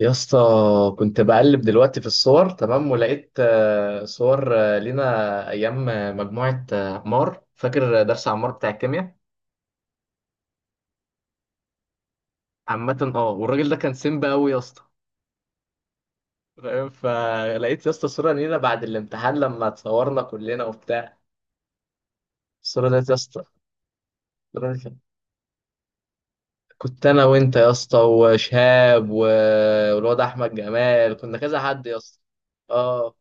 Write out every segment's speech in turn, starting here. يا اسطى، كنت بقلب دلوقتي في الصور. تمام، ولقيت صور لينا، ايام، مجموعه، عمار. فاكر درس عمار بتاع الكيمياء؟ عامه اه، والراجل ده كان سيمبا قوي يا اسطى، فاهم؟ فلقيت يا اسطى صوره لينا بعد الامتحان لما اتصورنا كلنا وبتاع. الصوره ديت يا اسطى، الصورة دي كان- كنت انا وانت يا اسطى وشهاب والواد احمد جمال، كنا كذا حد يا اسطى. اه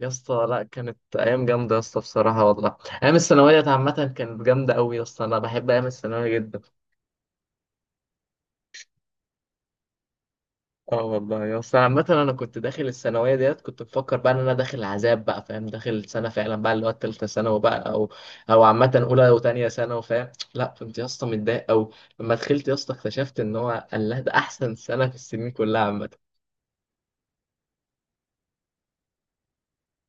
يا اسطى، لا كانت ايام جامده يا اسطى بصراحه والله. ايام الثانويه عامه كانت جامده قوي يا اسطى، انا بحب ايام الثانويه جدا. اه والله يا اسطى، عامه انا كنت داخل الثانويه ديت كنت بفكر بقى ان انا داخل عذاب بقى، فاهم، داخل سنه فعلا بقى اللي هو الثالثه ثانوي بقى، او عامه اولى وثانيه ثانوي، فاهم. لا كنت يا اسطى متضايق قوي. لما دخلت يا اسطى اكتشفت ان هو الله ده احسن سنه في السنين كلها عامه.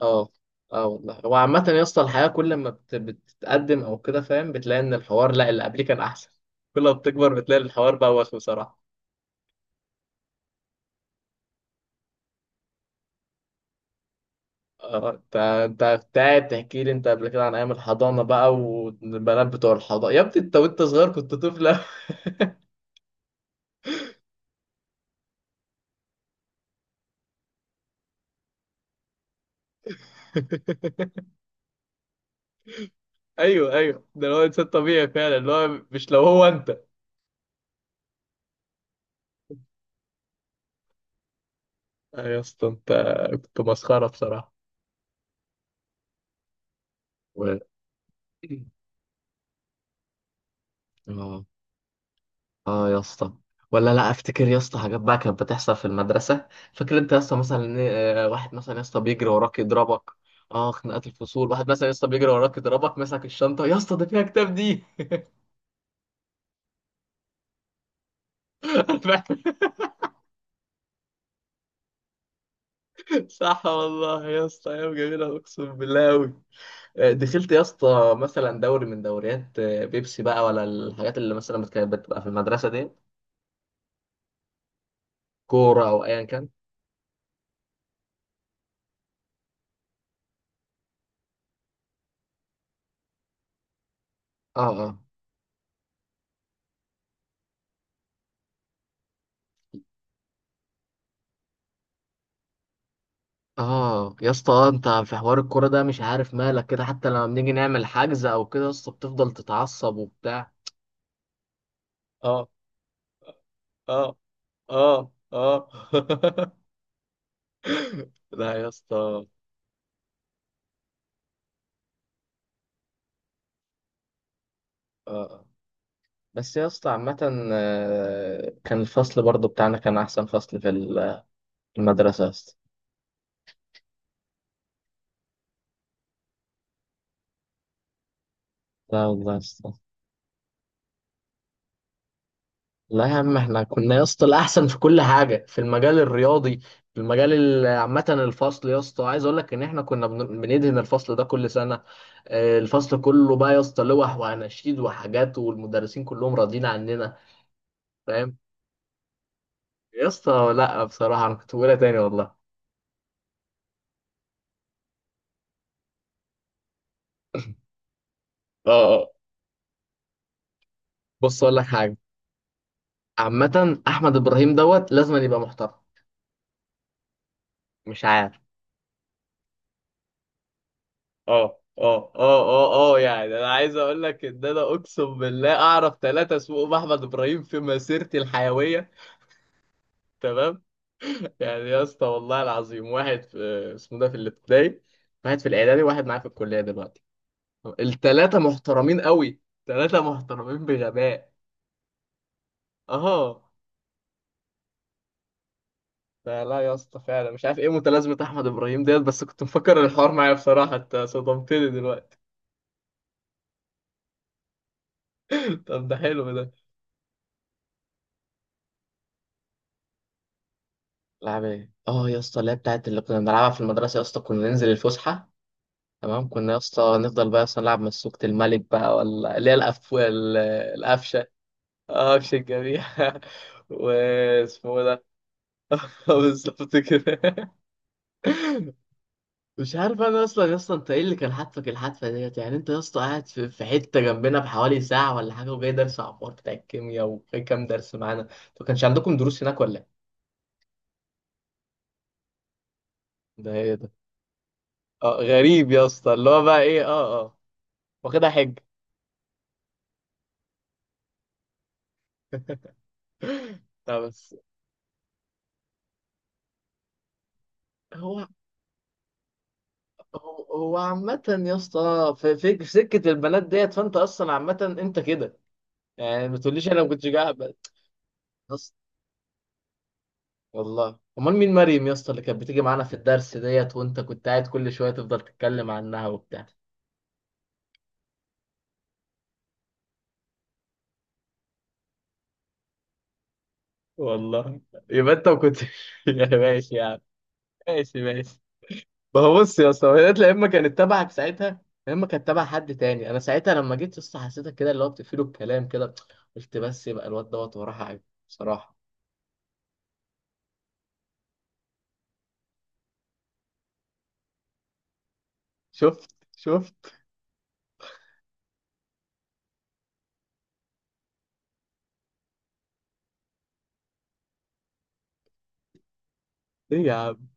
اه اه والله، هو عامة يا اسطى الحياة كل ما بتتقدم او كده فاهم، بتلاقي ان الحوار لا اللي قبليه كان احسن. كل ما بتكبر بتلاقي الحوار بقى وسخ بصراحة. اه انت كنت قاعد تحكي لي انت قبل كده عن ايام الحضانة بقى والبنات بتوع الحضانة يا ابني، انت وانت صغير كنت طفل أوي. ايوه ايوه، ده اللي هو انسان طبيعي فعلا، اللي هو مش لو هو انت. آه يا اسطى، انت كنت مسخرة بصراحة. و... اه اه يا اسطى، ولا لا افتكر يا اسطى حاجات بقى كانت بتحصل في المدرسه. فاكر انت يا اسطى مثلا إن، واحد مثلا يا اسطى بيجري وراك يضربك. اه خناقات الفصول، واحد مثلا يا اسطى بيجري وراك يضربك مسك الشنطه يا اسطى، ده فيها كتاب دي. صح والله يا اسطى، ايام جميله اقسم بالله قوي. دخلت يا اسطى مثلا دوري من دوريات بيبسي بقى، ولا الحاجات اللي مثلا كانت بتبقى في المدرسه دي، كوره او ايا كان؟ اه اه اه يا اسطى، انت في حوار الكوره ده مش عارف مالك كده، حتى لما بنيجي نعمل حجز او كده يا اسطى بتفضل تتعصب وبتاع. اه اه اه لا يا اسطى آه. آه. بس يا اسطى عامة، كان الفصل برضو بتاعنا كان أحسن فصل في المدرسة يا اسطى. لا والله يا اسطى، لا يا عم، احنا كنا يا اسطى الاحسن في كل حاجه في المجال الرياضي. في المجال عامه الفصل يا اسطى، عايز اقول لك ان احنا كنا بندهن الفصل ده كل سنه. الفصل كله بقى يا اسطى لوح واناشيد وحاجات، والمدرسين كلهم راضيين عننا، فاهم. يا اسطى لا بصراحه، انا كنت بقولها تاني والله. اه اه، بص اقول لك حاجه، عامه احمد ابراهيم دوت لازم يبقى محترم. مش عارف. اه اه اه اه يعني انا عايز اقول لك ان انا اقسم بالله اعرف ثلاثة اسمهم احمد ابراهيم في مسيرتي الحيوية. تمام. يعني يا اسطى والله العظيم، واحد في اسمه ده في الابتدائي، واحد في الاعدادي، واحد معايا في الكلية دلوقتي. الثلاثة محترمين قوي، ثلاثة محترمين بغباء. اه فلا يا اسطى، فعلا مش عارف ايه متلازمة احمد ابراهيم ديت، بس كنت مفكر الحوار معايا بصراحة. انت صدمتني دلوقتي. طب ده حلو ده. لعب ايه؟ اه يا اسطى، اللي هي بتاعت اللي كنا بنلعبها في المدرسه يا اسطى، كنا ننزل الفسحه تمام، كنا يا اسطى نفضل بقى يا اسطى نلعب مسوكة الملك بقى، ولا اللي هي القفشه. اه قفش الجميع. واسمه ده. بالظبط كده. مش عارف انا اصلا يا اسطى، انت ايه اللي كان حاتفك الحتفه ديت؟ يعني انت يا اسطى قاعد في حته جنبنا بحوالي ساعه ولا حاجه، وجاي درس عبار بتاع الكيمياء، وجاي كام درس معانا. انتوا كانش عندكم دروس هناك ولا إيه؟ ده ايه ده؟ اه غريب يا اسطى، اللي هو بقى ايه، اه اه، واخدها حجه. لا بس، هو هو عامة يا اسطى، في سكة البنات ديت، فانت اصلا عامة انت كده. يعني ما تقوليش انا ما كنتش قاعد اصلا. والله امال مين مريم يا اسطى اللي كانت بتيجي معانا في الدرس ديت، وانت كنت قاعد كل شوية تفضل تتكلم عنها وبتاع؟ والله يبقى انت ما كنتش. يا ماشي يا عم، ماشي ماشي. ما هو بص يا اسطى، هي يا اما كانت تبعك ساعتها، يا اما كانت تبع حد تاني. انا ساعتها لما جيت يا اسطى حسيتك كده اللي هو بتقفله الكلام كده، قلت بس يبقى الواد دوت وراه حاجه بصراحه. شفت. ايه يا عم؟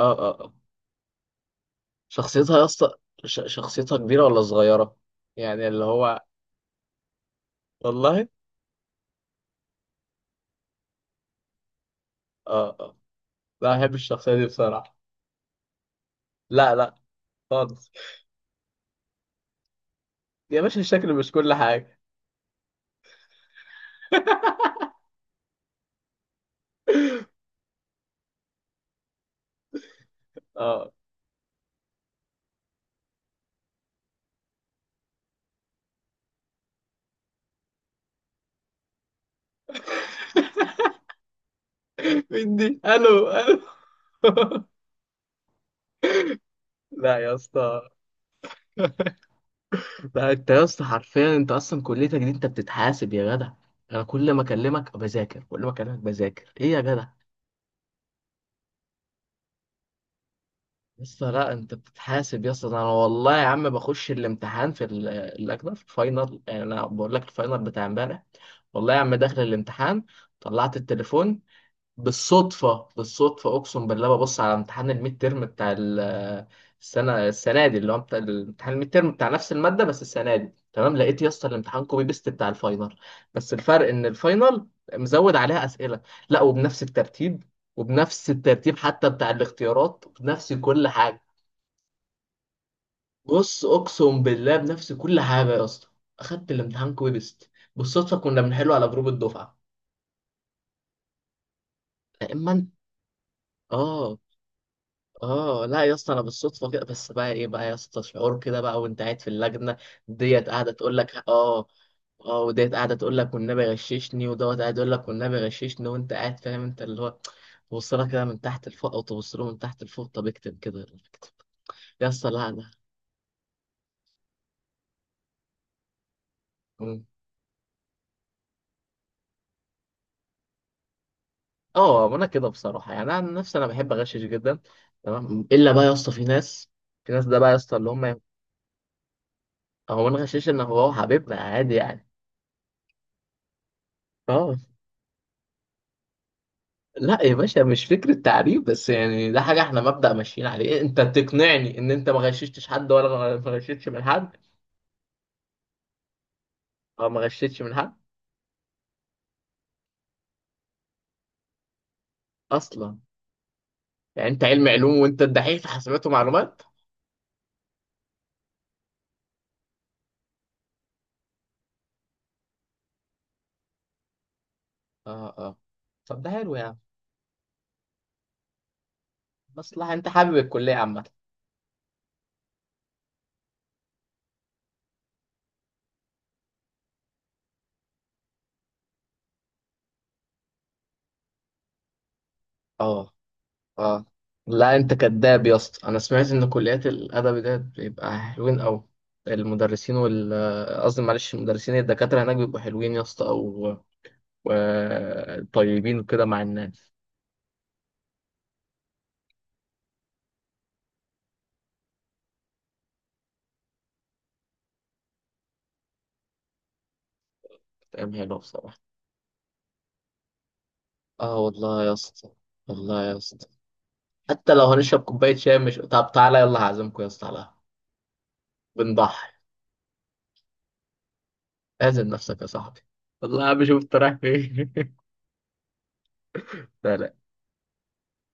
اه شخصيتها يا اسطى، شخصيتها كبيره ولا صغيره؟ يعني اللي هو، والله. اه اه، لا بحب الشخصيه دي بصراحه. لا لا، خالص. يا باشا الشكل مش كل حاجه. اه، مين دي؟ الو الو. لا يا اسطى. بقى انت يا اسطى حرفيا، انت اصلا كليتك دي انت بتتحاسب يا جدع. انا كل ما اكلمك بذاكر، كل ما اكلمك بذاكر، ايه يا جدع؟ يا اسطى لا، انت بتتحاسب يا اسطى ده. انا والله يا عم بخش الامتحان في الاجنبي في الفاينل، يعني انا بقول لك الفاينل بتاع امبارح. والله يا عم داخل الامتحان، طلعت التليفون بالصدفة، بالصدفة أقسم بالله، ببص على امتحان الميد تيرم بتاع السنة. السنة دي اللي هو بتاع الامتحان الميد تيرم بتاع نفس المادة، بس السنة دي تمام. لقيت يا اسطى الامتحان كوبي بيست بتاع الفاينل، بس الفرق إن الفاينل مزود عليها أسئلة. لا، وبنفس الترتيب، وبنفس الترتيب حتى بتاع الاختيارات، وبنفس كل حاجة. بص أقسم بالله بنفس كل حاجة يا اسطى. أخدت الامتحان كوبي بيست بالصدفة، كنا بنحله على جروب الدفعة. لا إما أنت آه. اه لا يا اسطى، انا بالصدفه كده. بس بقى ايه بقى يا اسطى، شعور كده بقى وانت قاعد في اللجنه ديت، قاعده تقول لك اه، اه، وديت قاعده تقول لك والنبي غششني، ودوت قاعد يقول لك والنبي غششني، وانت قاعد فاهم انت اللي هو، تبص لها كده من تحت لفوق او تبص له من تحت لفوق، طب اكتب كده. يا اسطى لا انا. مم. اه، ما انا كده بصراحه. يعني انا عن نفسي انا بحب اغشش جدا تمام، الا بقى يا اسطى في ناس، في ناس ده بقى يا اسطى اللي هم. هو ما نغشش ان هو حبيبنا عادي يعني. اه لا يا باشا، مش فكرة تعريف بس، يعني ده حاجة احنا مبدأ ماشيين عليه. إيه، انت تقنعني ان انت ما غششتش حد ولا ما غششتش من حد او ما غششتش من حد اصلا؟ يعني انت علم علوم وانت الدحيح في حسابات ومعلومات. اه اه، طب ده حلو يعني. مصلحة، انت حابب الكلية عامة؟ اه اه. لا انت كداب يا اسطى، انا سمعت ان كليات الادب ده بيبقى حلوين قوي، المدرسين وال، قصدي معلش المدرسين الدكاترة هناك بيبقوا حلوين يا اسطى، او طيبين كده مع الناس. كلام حلو بصراحة. اه والله يا اسطى، والله يا اسطى، حتى لو هنشرب كوباية شاي مش، طب تعالى يلا هعزمكم يا اسطى على قهوة. بنضحي، اعزم نفسك يا صاحبي. والله يا عم شوف انت رايح فين. سلام.